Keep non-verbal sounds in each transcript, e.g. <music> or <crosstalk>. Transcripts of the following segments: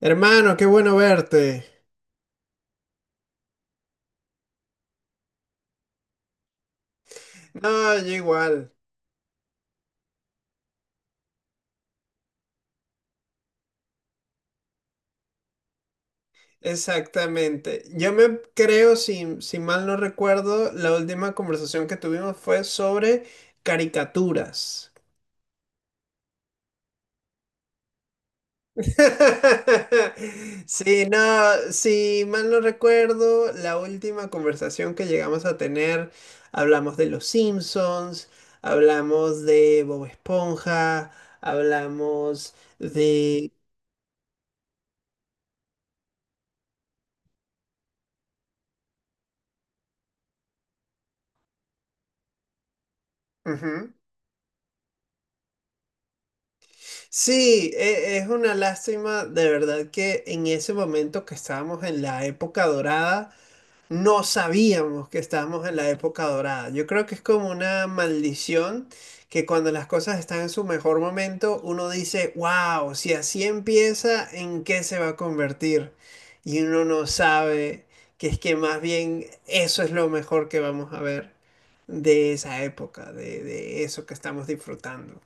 Hermano, qué bueno verte. No, yo igual. Exactamente. Yo me creo, si mal no recuerdo, la última conversación que tuvimos fue sobre caricaturas. <laughs> Sí, no, si mal no recuerdo, la última conversación que llegamos a tener, hablamos de los Simpsons, hablamos de Bob Esponja, hablamos de... Ujú. Sí, es una lástima de verdad que en ese momento que estábamos en la época dorada, no sabíamos que estábamos en la época dorada. Yo creo que es como una maldición que cuando las cosas están en su mejor momento, uno dice, wow, si así empieza, ¿en qué se va a convertir? Y uno no sabe que es que más bien eso es lo mejor que vamos a ver de esa época, de eso que estamos disfrutando.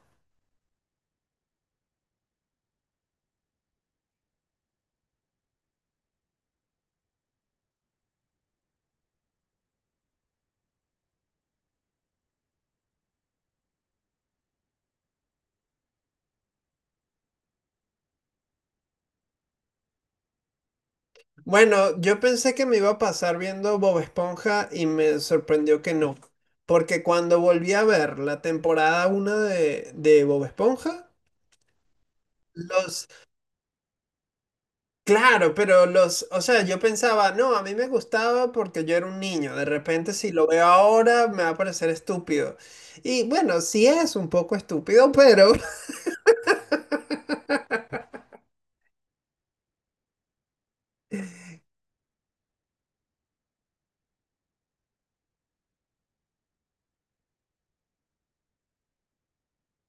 Bueno, yo pensé que me iba a pasar viendo Bob Esponja y me sorprendió que no. Porque cuando volví a ver la temporada 1 de Bob Esponja, los... Claro, pero los... O sea, yo pensaba, no, a mí me gustaba porque yo era un niño. De repente si lo veo ahora me va a parecer estúpido. Y bueno, sí es un poco estúpido, pero <laughs>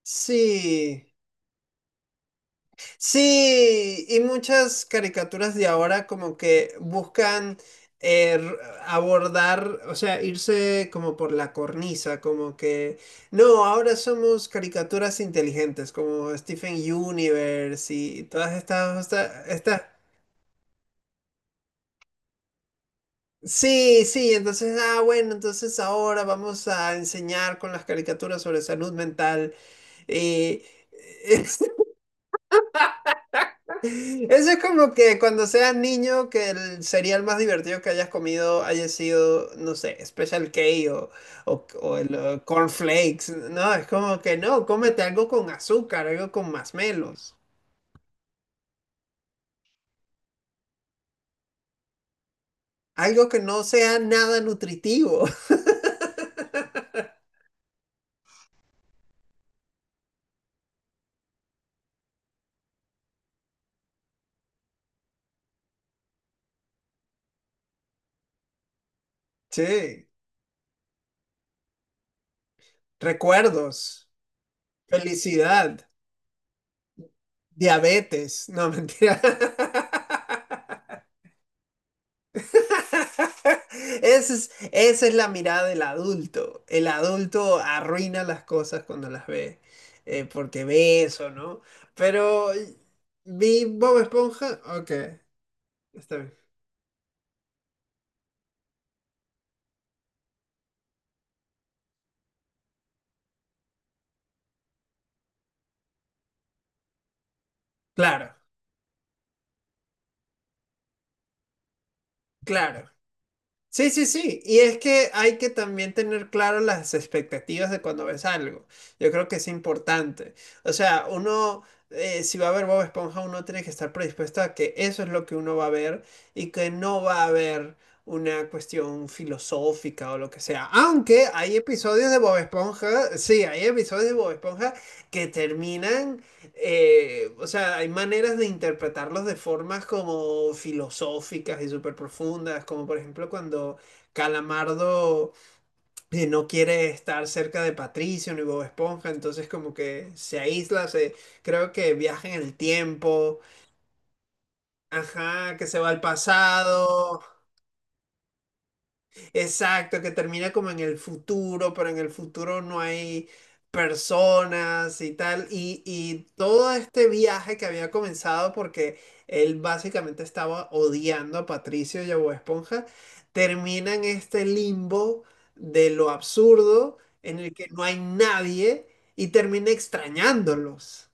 sí. Sí, y muchas caricaturas de ahora como que buscan eh, r- abordar, o sea, irse como por la cornisa, como que, no, ahora somos caricaturas inteligentes, como Stephen Universe y todas estas, sí, sí, entonces, ah, bueno, entonces ahora vamos a enseñar con las caricaturas sobre salud mental. Y <laughs> eso es como que cuando seas niño, que el cereal más divertido que hayas comido haya sido, no sé, Special K o, o el cornflakes. No, es como que no, cómete algo con azúcar, algo con masmelos, algo que no sea nada nutritivo. <laughs> Sí, recuerdos, felicidad, diabetes. No, mentira. <laughs> <laughs> Esa es la mirada del adulto. El adulto arruina las cosas cuando las ve, porque ve eso, ¿no? Pero vi Bob Esponja, ok, está bien. Claro, claro. Sí, sí, sí. Y es que hay que también tener claro las expectativas de cuando ves algo. Yo creo que es importante. O sea, uno, si va a ver Bob Esponja, uno tiene que estar predispuesto a que eso es lo que uno va a ver y que no va a haber una cuestión filosófica o lo que sea. Aunque hay episodios de Bob Esponja, sí, hay episodios de Bob Esponja que terminan o sea, hay maneras de interpretarlos de formas como filosóficas y súper profundas, como por ejemplo cuando Calamardo no quiere estar cerca de Patricio ni Bob Esponja, entonces como que se aísla, se, creo que viaja en el tiempo, ajá, que se va al pasado, exacto, que termina como en el futuro, pero en el futuro no hay personas y tal. Y todo este viaje que había comenzado porque él básicamente estaba odiando a Patricio y a Bob Esponja, termina en este limbo de lo absurdo en el que no hay nadie y termina extrañándolos.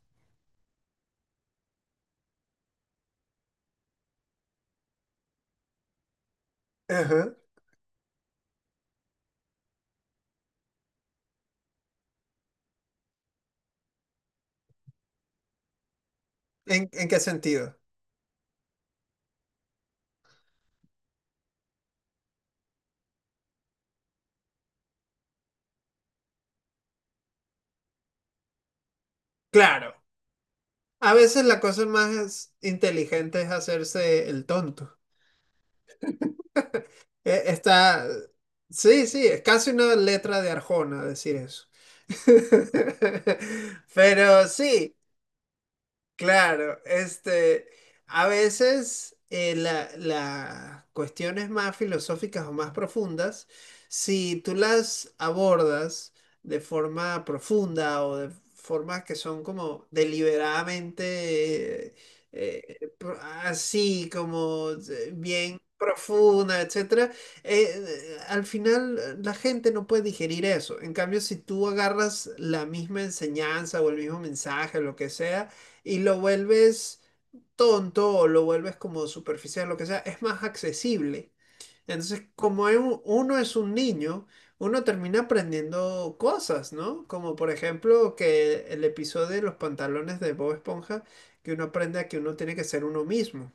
Ajá. En qué sentido? Claro, a veces la cosa más inteligente es hacerse el tonto. Eh, Está, sí, sí, es casi una letra de Arjona decir eso. <laughs> Pero sí, claro, este, a veces las cuestiones más filosóficas o más profundas, si tú las abordas de forma profunda o de formas que son como deliberadamente así, como bien profunda, etcétera, al final la gente no puede digerir eso. En cambio, si tú agarras la misma enseñanza o el mismo mensaje, lo que sea, y lo vuelves tonto o lo vuelves como superficial, lo que sea, es más accesible. Entonces, como es uno es un niño, uno termina aprendiendo cosas, ¿no? Como por ejemplo que el episodio de los pantalones de Bob Esponja, que uno aprende a que uno tiene que ser uno mismo.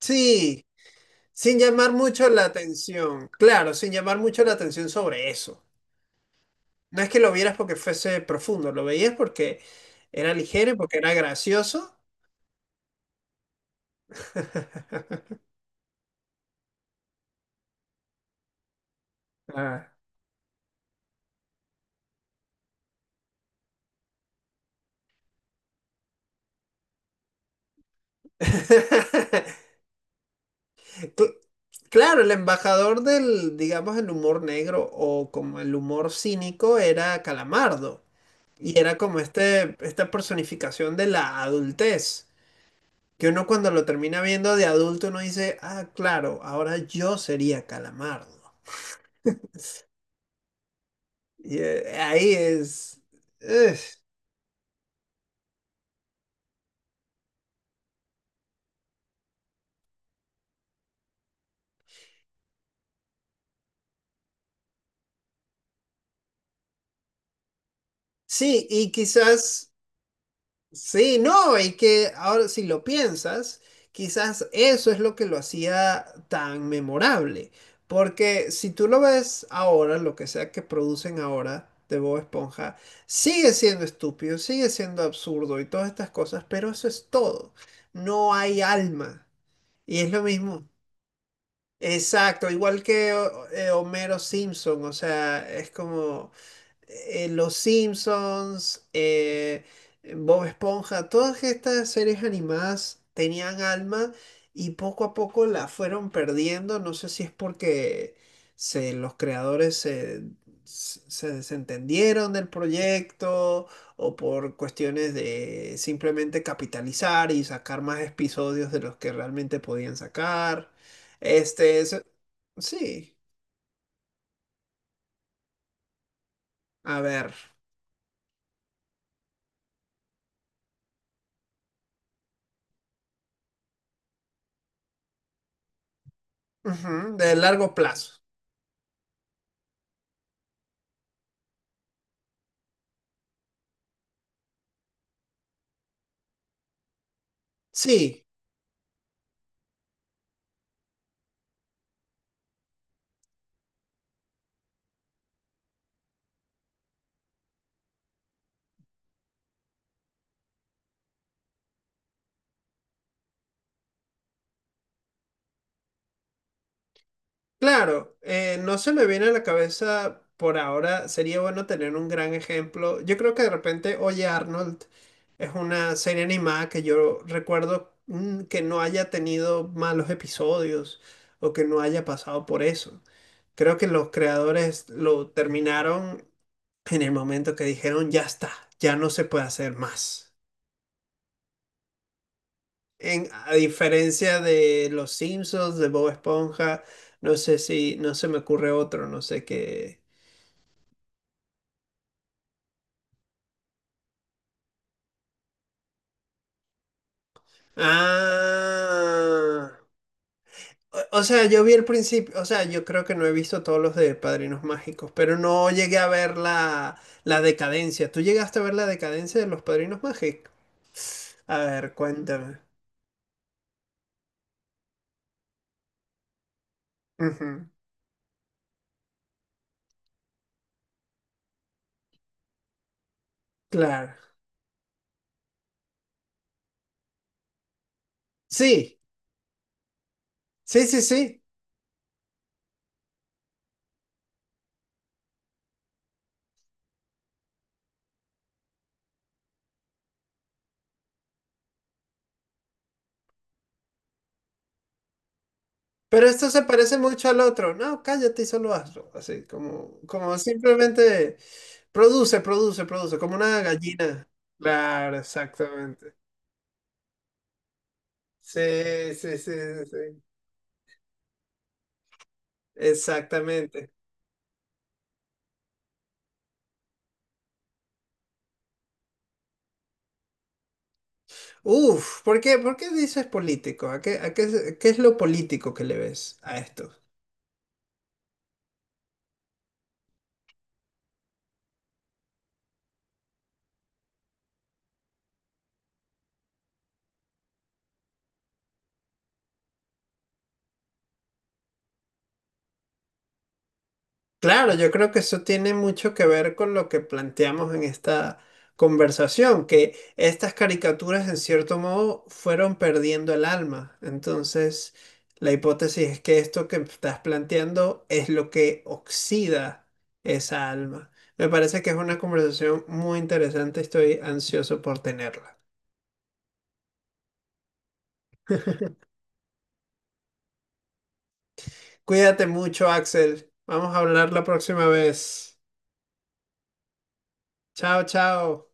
Sí, sin llamar mucho la atención. Claro, sin llamar mucho la atención sobre eso. No es que lo vieras porque fuese profundo, lo veías porque era ligero y porque era gracioso. <laughs> Ah. <laughs> Cl- Claro, el embajador del, digamos, el humor negro o como el humor cínico era Calamardo. Y era como este, esta personificación de la adultez. Que uno cuando lo termina viendo de adulto, uno dice, ah, claro, ahora yo sería Calamardo. Y ahí es... Ugh. Sí, y quizás... Sí, no, y que ahora si lo piensas, quizás eso es lo que lo hacía tan memorable, porque si tú lo ves ahora, lo que sea que producen ahora de Bob Esponja, sigue siendo estúpido, sigue siendo absurdo y todas estas cosas, pero eso es todo, no hay alma, y es lo mismo. Exacto, igual que Homero Simpson, o sea, es como Los Simpsons, Bob Esponja, todas estas series animadas tenían alma y poco a poco la fueron perdiendo. No sé si es porque se, los creadores se, se desentendieron del proyecto o por cuestiones de simplemente capitalizar y sacar más episodios de los que realmente podían sacar. Este, sí, a ver, ujú, de largo plazo. Sí. Claro, no se me viene a la cabeza por ahora. Sería bueno tener un gran ejemplo. Yo creo que de repente Oye Arnold es una serie animada que yo recuerdo que no haya tenido malos episodios o que no haya pasado por eso. Creo que los creadores lo terminaron en el momento que dijeron, ya está, ya no se puede hacer más. En, a diferencia de Los Simpsons, de Bob Esponja, no sé si, no se me ocurre otro, no sé qué. Ah, o sea, yo vi el principio, o sea, yo creo que no he visto todos los de Padrinos Mágicos, pero no llegué a ver la, la decadencia. ¿Tú llegaste a ver la decadencia de los Padrinos Mágicos? A ver, cuéntame. Ujú, claro. Sí, sí, sí, sí. Pero esto se parece mucho al otro. No, cállate y solo hazlo. Así, como, como simplemente produce, produce, produce, como una gallina. Claro, exactamente. Sí, sí, sí, sí. Sí. Exactamente. Uf, por qué dices político? A qué, qué es lo político que le ves a esto? Claro, yo creo que eso tiene mucho que ver con lo que planteamos en esta conversación, que estas caricaturas en cierto modo fueron perdiendo el alma. Entonces, la hipótesis es que esto que estás planteando es lo que oxida esa alma. Me parece que es una conversación muy interesante, estoy ansioso por tenerla. Cuídate mucho, Axel. Vamos a hablar la próxima vez. Chao, chao.